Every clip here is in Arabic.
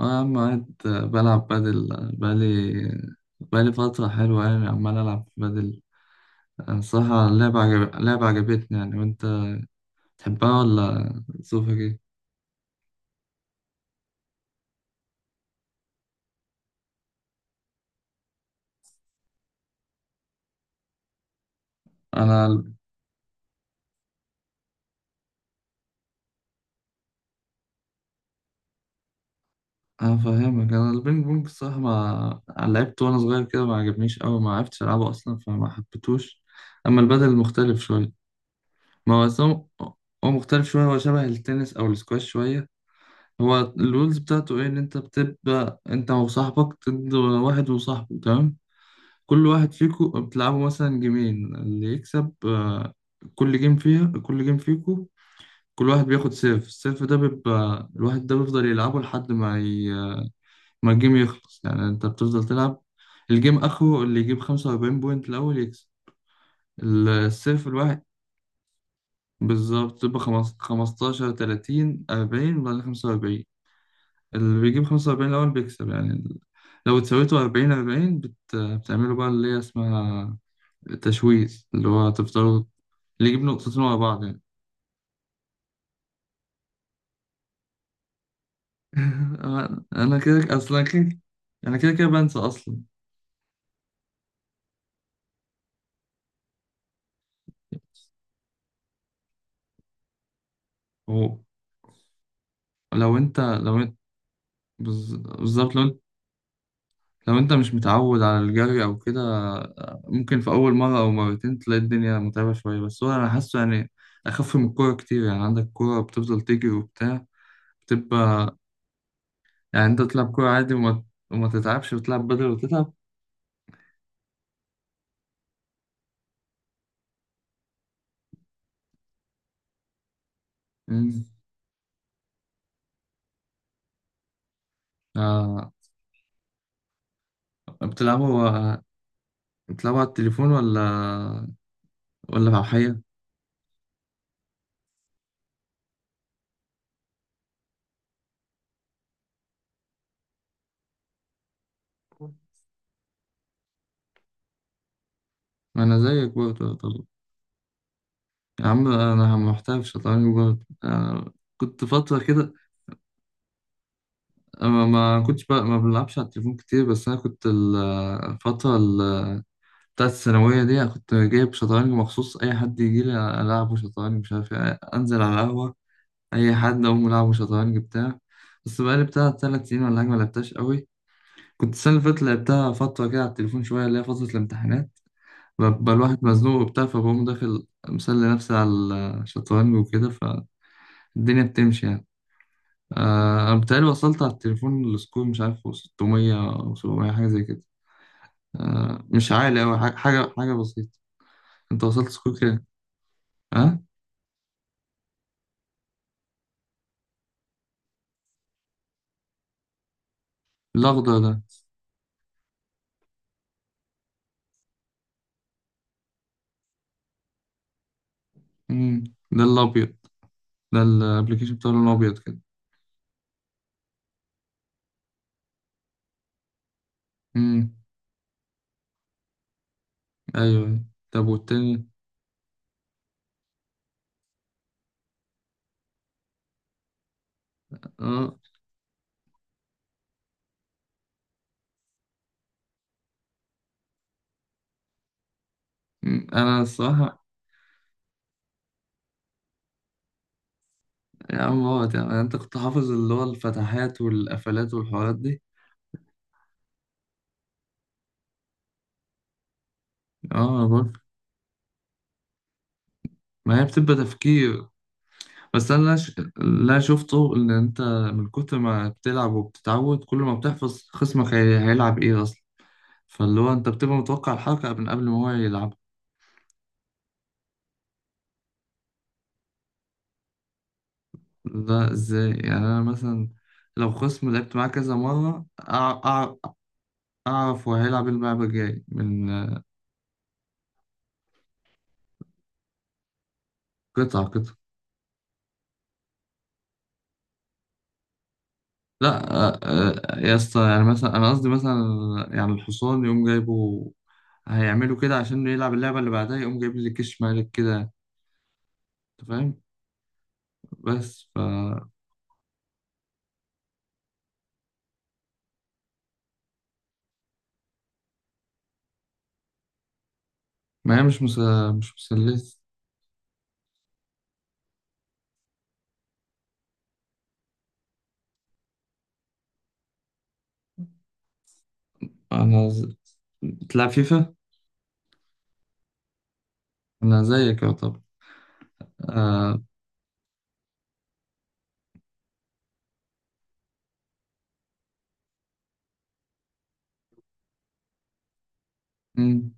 أنا عم قاعد بلعب بادل بقالي فترة حلوة يعني عمال ألعب بادل. أنا الصراحة لعبة عجبتني يعني، وأنت تحبها ولا ظروفك إيه؟ أنا أنا فاهمك. أنا البينج بونج الصراحة ما لعبت وأنا صغير كده، ما عجبنيش أوي، ما عرفتش ألعبه أصلا فما حبيتهوش. أما البادل مختلف شوية. ما هو أصلا هو هو مختلف شوية، هو شبه التنس أو السكواش شوية. هو الرولز بتاعته إيه؟ إن أنت بتبقى أنت وصاحبك ضد واحد وصاحبه، تمام؟ كل واحد فيكم بتلعبوا مثلا جيمين اللي يكسب، آه، كل جيم فيكم كل واحد بياخد سيف. السيف ده بيبقى الواحد ده بيفضل يلعبه لحد ما الجيم يخلص، يعني انت بتفضل تلعب الجيم اخره اللي يجيب 45 بوينت الاول يكسب السيف الواحد. بالظبط، تبقى 15، 30، 40، وبعدين 45. اللي بيجيب 45 الاول بيكسب يعني. لو اتساويتوا 40، 40، بتعملوا بقى اللي هي اسمها تشويش، اللي هو تفضلوا اللي يجيب نقطتين ورا بعض يعني. أنا كده اصلا كده، انا كده كده بنسى اصلا. هو لو انت بالظبط، لو انت مش متعود على الجري او كده، ممكن في اول مره او مرتين تلاقي الدنيا متعبه شويه. بس هو انا حاسه يعني اخف من الكوره كتير. يعني عندك كوره بتفضل تجري وبتاع، بتبقى. يعني انت تلعب كوره عادي وما تتعبش، بتلعب بدل وتتعب. مم. آه، بتلعبوا بتلعبوا على التليفون، ولا على الحقيقه؟ ما انا زيك برضه طبعا. يا عم انا محترف شطرنج برضه أنا. كنت فترة كده. ما كنتش بقى ما بلعبش على التليفون كتير، بس انا كنت الفترة بتاعت الثانوية دي. أنا كنت جايب شطرنج مخصوص، اي حد يجي لي العبه شطرنج مش عارف إيه، انزل على القهوة اي حد اقوم العبه شطرنج بتاع. بس بقالي بتاع 3 سنين ولا حاجة ما لعبتهاش قوي. كنت السنة اللي فاتت لعبتها فترة كده على التليفون شوية، اللي هي فترة الامتحانات، ببقى الواحد مزنوق وبتاع، فبقوم داخل مسلي نفسي على الشطرنج وكده، الدنيا بتمشي يعني. آه، أنا بتهيألي وصلت على التليفون السكور مش عارف 600 أو 700، حاجة زي كده. آه، مش عالي أوي، حاجة بسيطة. أنت وصلت سكور كام؟ ها؟ الأخضر ده. مم. ده الأبيض، ده الأبلكيشن بتاع اللون الأبيض كده. مم. أيوه، أيوه. طب والتاني؟ أه. مم. أنا الصراحة. يا عم بابا، يعني أنت كنت حافظ اللي هو الفتحات والقفلات والحوارات دي؟ أه، أنا برضه. ما هي بتبقى تفكير. بس انا لا، شفته ان انت من كتر ما بتلعب وبتتعود، كل ما بتحفظ خصمك هيلعب ايه اصلا، فاللي هو انت بتبقى متوقع الحركة من قبل ما هو يلعب. ده ازاي يعني؟ انا مثلا لو خصم لعبت معاه كذا مرة، اعرف هو هيلعب إيه اللعبة الجاي من، قطعة قطعة. لا، يا اسطى يعني، مثلا انا قصدي مثلا يعني الحصان يقوم جايبه هيعملوا كده عشان يلعب اللعبة اللي بعدها، يقوم جايب لي كش مالك كده. انت فاهم؟ بس ف ما هي مش مسلية. أنا ز... بتلعب فيفا؟ أنا زيك يعتبر. آه... مم.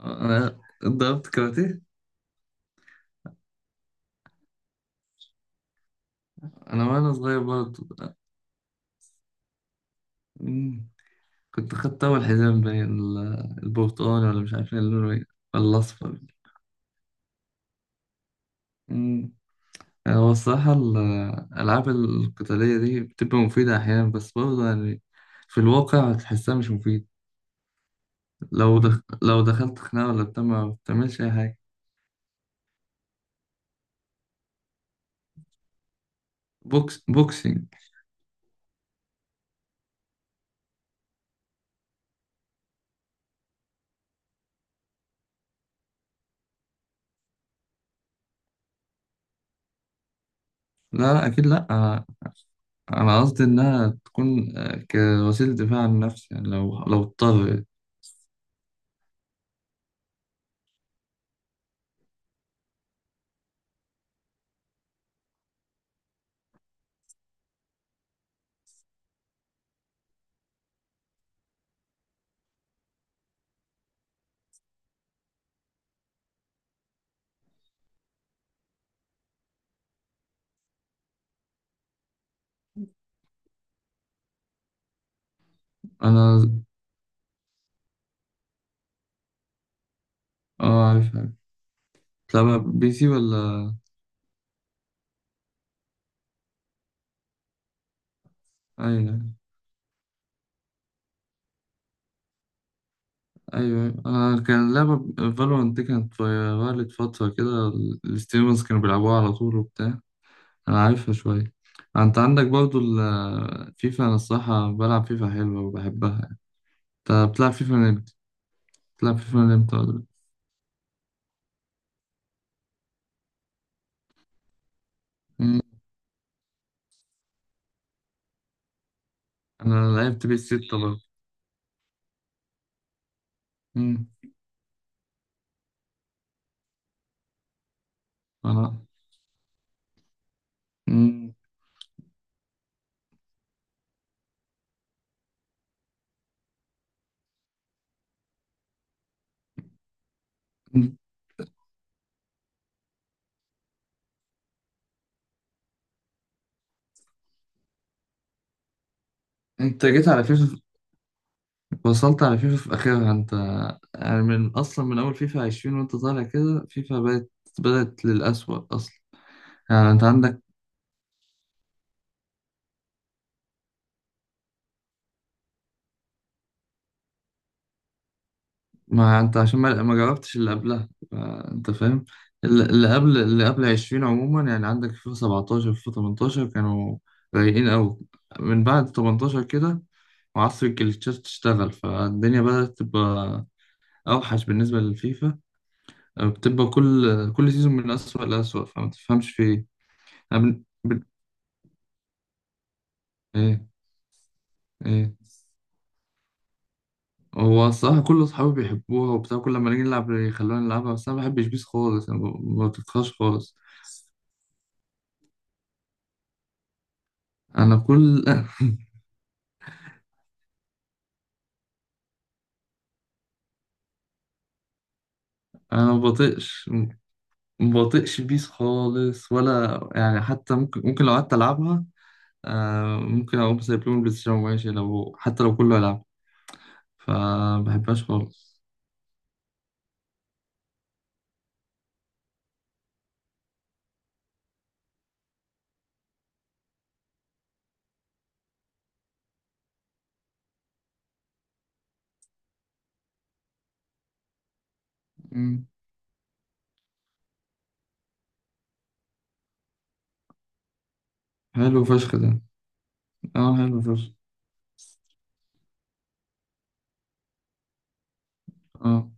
أنا ضربت كاراتيه أنا وأنا صغير برضه. مم. كنت خدت أول حزام بين البرتقالي، ولا مش عارف إيه اللون إيه، ولا الأصفر. مم. هو الصراحة الألعاب القتالية دي بتبقى مفيدة أحيانا، بس برضه يعني في الواقع تحسها مش مفيد. لو دخلت خناقة ولا بتاع ما بتعملش أي حاجة. بوكسينج. لا، لا، أكيد لا. انا قصدي انها تكون، آه، كوسيله دفاع عن النفس يعني لو اضطر. انا اه عارفها. بتلعبها بي سي ولا؟ ايوه، ايوه، أيوه. انا كان لعبه فالورانت دي كانت فايرالت فتره كده، الستريمرز كانوا بيلعبوها على طول وبتاع. انا عارفها شويه. انت عندك برضو الفيفا. انا الصراحه بلعب فيفا حلوه وبحبها. انت بتلعب فيفا من امتى بتلعب فيفا من امتى ولا؟ مم. انا لعبت بيس 6 برضه. مم. انا. مم. انت جيت على فيفا وصلت على فيفا في آخرها أنت. يعني من أصلا من أول فيفا 20 وأنت طالع كده، فيفا بدأت للأسوأ أصلا. يعني أنت عندك ما أنت عشان ما جربتش اللي قبلها، آه، أنت فاهم. اللي قبل 20 عموما، يعني عندك فيفا 17، فيفا 18 كانوا رايقين أوي. من بعد 18 كده وعصر الجليتشات تشتغل، فالدنيا بدأت تبقى أوحش بالنسبة للفيفا. آه، بتبقى كل سيزون من أسوأ لأسوأ، فما تفهمش في إيه، إيه، إيه. هو الصراحة كل أصحابي بيحبوها وبتاع، كل لما نيجي نلعب يخلونا نلعبها، بس أنا ما بحبش بيس خالص، أنا ما بطيقهاش خالص. أنا كل أنا ما بطيقش بيس خالص ولا يعني حتى، ممكن لو قعدت ألعبها، آه، ممكن أقوم سايب لهم البلاي ستيشن وماشي، لو حتى لو كله يلعب. فما بحبهاش خالص. مم. حلو فشخ ده. اه، حلو فشخ. اه.